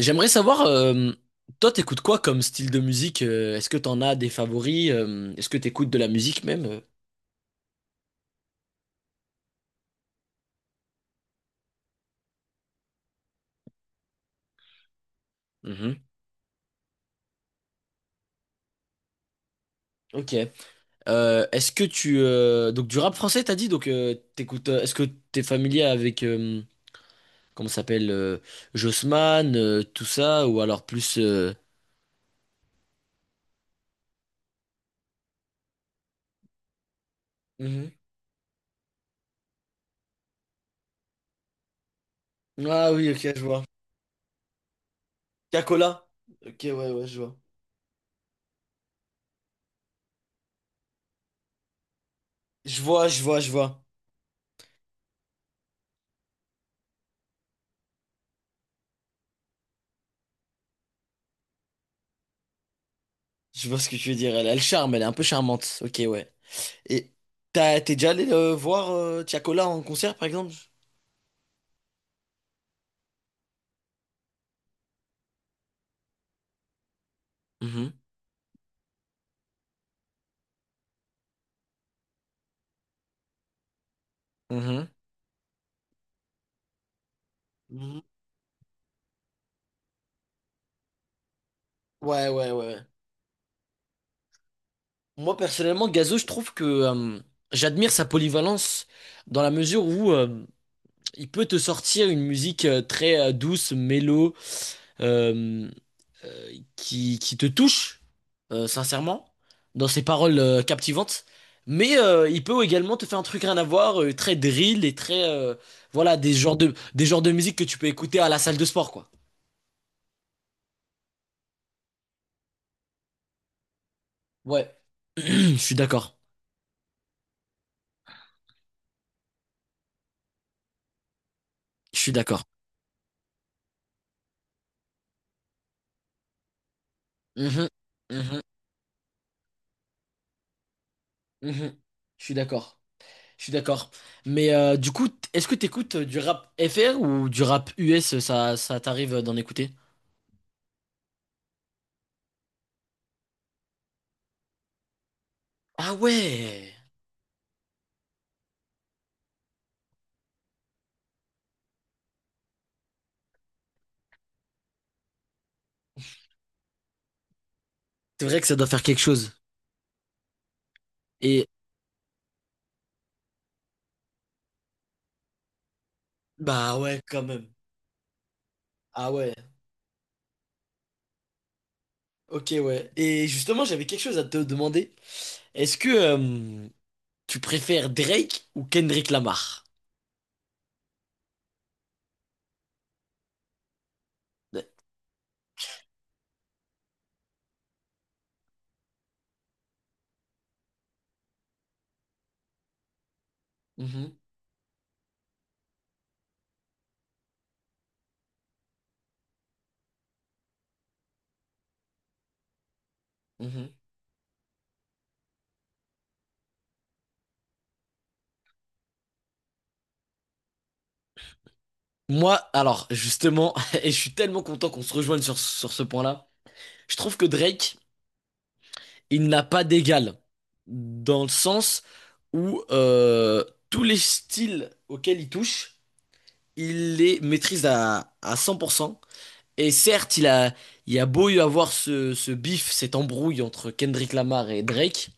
J'aimerais savoir, toi, t'écoutes quoi comme style de musique? Est-ce que t'en as des favoris? Est-ce que t'écoutes de la musique même? Mhm. Ok. Est-ce que tu donc du rap français t'as dit donc t'écoutes est-ce que t'es familier avec comment ça s'appelle Jossman tout ça ou alors plus Mhm. Ah oui, ok, je vois. Cacola, ok, ouais, ouais, je vois, je vois, je vois, je vois. Je vois ce que tu veux dire, elle a le charme, elle est un peu charmante, ok, ouais. Et t'as, t'es déjà allé voir Tiakola en concert, par exemple? Mhm. Mhm. Mhm. Ouais, ouais, ouais. Moi, personnellement, Gazo, je trouve que j'admire sa polyvalence dans la mesure où il peut te sortir une musique très douce, mélo, euh, euh, qui te touche, sincèrement, dans ses paroles captivantes. Mais il peut également te faire un truc rien à voir, très drill et très. Voilà, des genres de musique que tu peux écouter à la salle de sport, quoi. Ouais, je suis d'accord. Je suis d'accord. Mhm, mhm, mhm. Je suis d'accord. Je suis d'accord. Mais du coup, est-ce que t'écoutes du rap FR ou du rap US, ça, ça t'arrive d'en écouter? Ah ouais! C'est vrai que ça doit faire quelque chose. Et bah ouais, quand même. Ah ouais. Ok, ouais. Et justement, j'avais quelque chose à te demander. Est-ce que tu préfères Drake ou Kendrick Lamar? Ouais. Mhm, mhm. Moi, alors, justement, et je suis tellement content qu'on se rejoigne sur, sur ce point-là. Je trouve que Drake, il n'a pas d'égal dans le sens où tous les styles auxquels il touche, il les maîtrise à 100%. Et certes, il a beau y avoir ce, ce bif, cette embrouille entre Kendrick Lamar et Drake.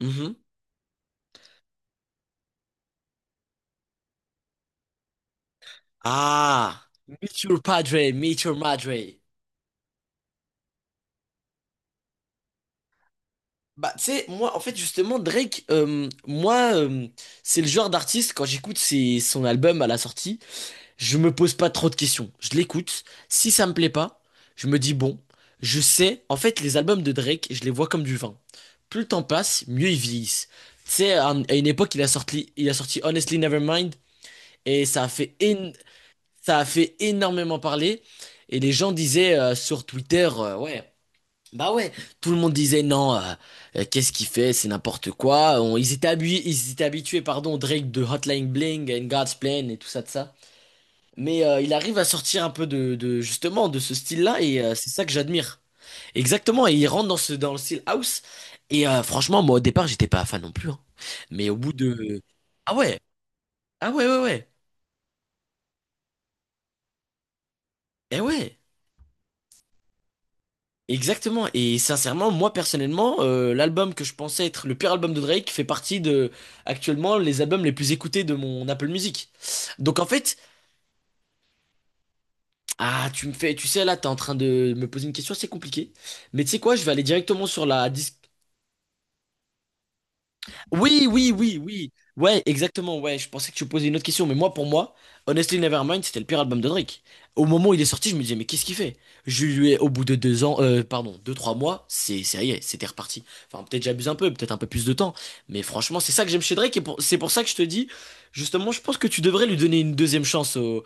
Mhm. Ah, meet your padre, meet your madre. Bah, tu sais, moi, en fait, justement, Drake, moi, c'est le genre d'artiste, quand j'écoute son album à la sortie, je me pose pas trop de questions. Je l'écoute. Si ça me plaît pas, je me dis bon, je sais. En fait, les albums de Drake, je les vois comme du vin. Plus le temps passe, mieux ils vieillissent. Tu sais, à une époque, il a sorti Honestly Nevermind et ça a fait, ça a fait énormément parler. Et les gens disaient sur Twitter, ouais, bah ouais, tout le monde disait non, qu'est-ce qu'il fait, c'est n'importe quoi. Ils étaient habitués, ils étaient habitués, pardon, au Drake de Hotline Bling and God's Plan et tout ça de ça. Mais il arrive à sortir un peu de, justement de ce style-là et c'est ça que j'admire. Exactement, et il rentre dans ce dans le style house et franchement, moi au départ j'étais pas fan non plus, hein. Mais au bout de. Ah ouais, ah ouais, ouais, ouais. Eh ouais. Exactement et sincèrement, moi personnellement l'album que je pensais être le pire album de Drake fait partie de actuellement les albums les plus écoutés de mon Apple Music. Donc en fait, ah tu me fais, tu sais là t'es en train de me poser une question, c'est compliqué. Mais tu sais quoi, je vais aller directement sur la dis. Oui, oui, oui, oui. Ouais, exactement. Ouais, je pensais que tu posais une autre question, mais moi, pour moi, Honestly Nevermind, c'était le pire album de Drake. Au moment où il est sorti, je me disais, mais qu'est-ce qu'il fait? Je lui ai, au bout de deux ans, pardon, deux, trois mois, c'est, ça y est, c'était reparti. Enfin, peut-être j'abuse un peu, peut-être un peu plus de temps, mais franchement, c'est ça que j'aime chez Drake, et c'est pour ça que je te dis, justement, je pense que tu devrais lui donner une deuxième chance au,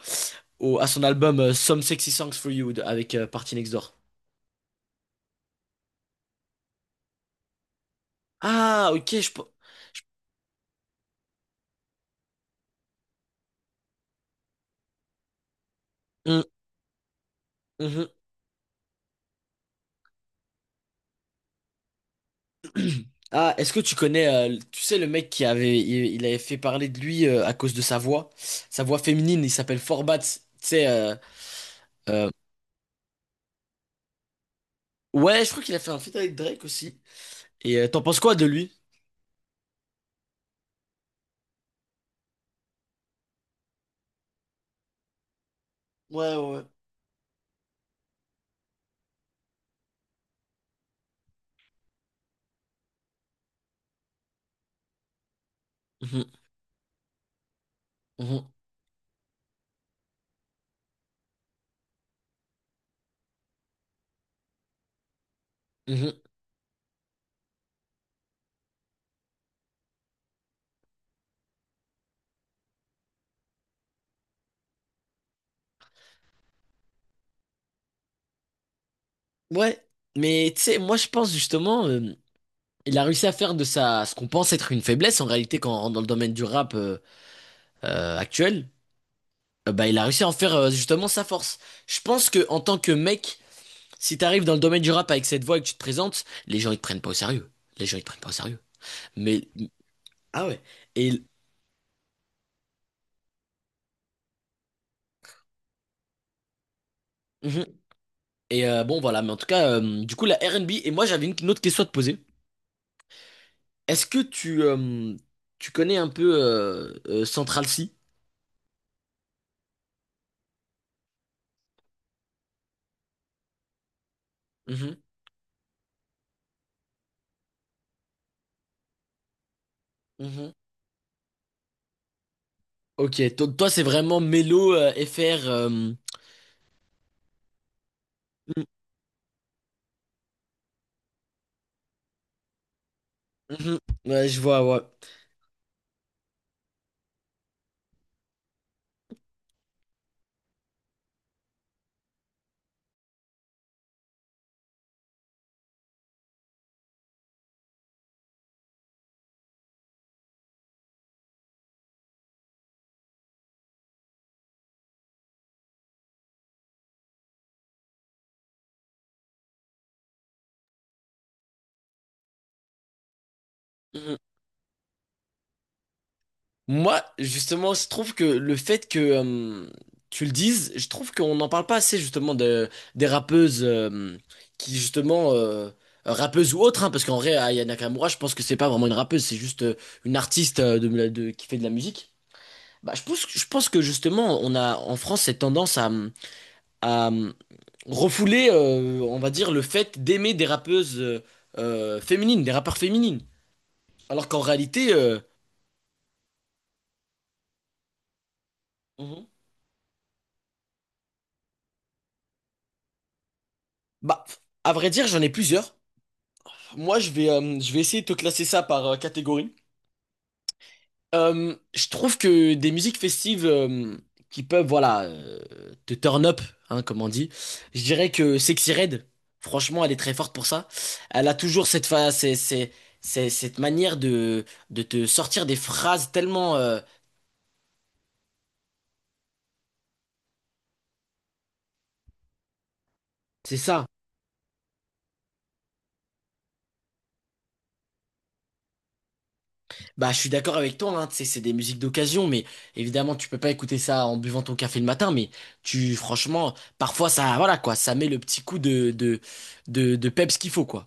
à son album Some Sexy Songs for You avec Party Next Door. Ah, ok, je- Mhm, mhm. Ah, est-ce que tu connais, tu sais, le mec qui avait, il avait fait parler de lui à cause de sa voix féminine, il s'appelle Forbat, tu sais, euh, ouais, je crois qu'il a fait un feat avec Drake aussi. Et t'en penses quoi de lui? Ouais, ouais. Mhm, mhm, mhm. Ouais, mais tu sais, moi je pense justement, il a réussi à faire de ça ce qu'on pense être une faiblesse en réalité quand dans le domaine du rap actuel, bah il a réussi à en faire justement sa force. Je pense que en tant que mec. Si t'arrives dans le domaine du rap avec cette voix et que tu te présentes, les gens ils te prennent pas au sérieux. Les gens ils te prennent pas au sérieux. Mais ah ouais. Et Mhm. Et bon voilà. Mais en tout cas, du coup la R&B. Et moi j'avais une autre question à te poser. Est-ce que tu tu connais un peu Central C? Mhm. Mhm. Ok. Toi c'est vraiment mélo FR. Mhm. Mhm. Ouais, je vois. Ouais. Moi, justement, je trouve que le fait que tu le dises, je trouve qu'on n'en parle pas assez justement de, des rappeuses qui justement rappeuses ou autres, hein, parce qu'en vrai, Aya Nakamura, je pense que c'est pas vraiment une rappeuse, c'est juste une artiste de, qui fait de la musique. Bah, je pense que justement, on a en France cette tendance à refouler, on va dire, le fait d'aimer des rappeuses féminines, des rappeurs féminines, alors qu'en réalité, Mhm. Bah, à vrai dire, j'en ai plusieurs. Moi, je vais essayer de te classer ça par catégorie. Je trouve que des musiques festives qui peuvent, voilà, te turn up, hein, comme on dit. Je dirais que Sexy Red, franchement, elle est très forte pour ça. Elle a toujours cette c'est, cette manière de te sortir des phrases tellement, c'est ça. Bah, je suis d'accord avec toi, hein, tu sais, c'est des musiques d'occasion, mais évidemment, tu peux pas écouter ça en buvant ton café le matin, mais tu, franchement, parfois, ça, voilà, quoi, ça met le petit coup de peps qu'il faut, quoi.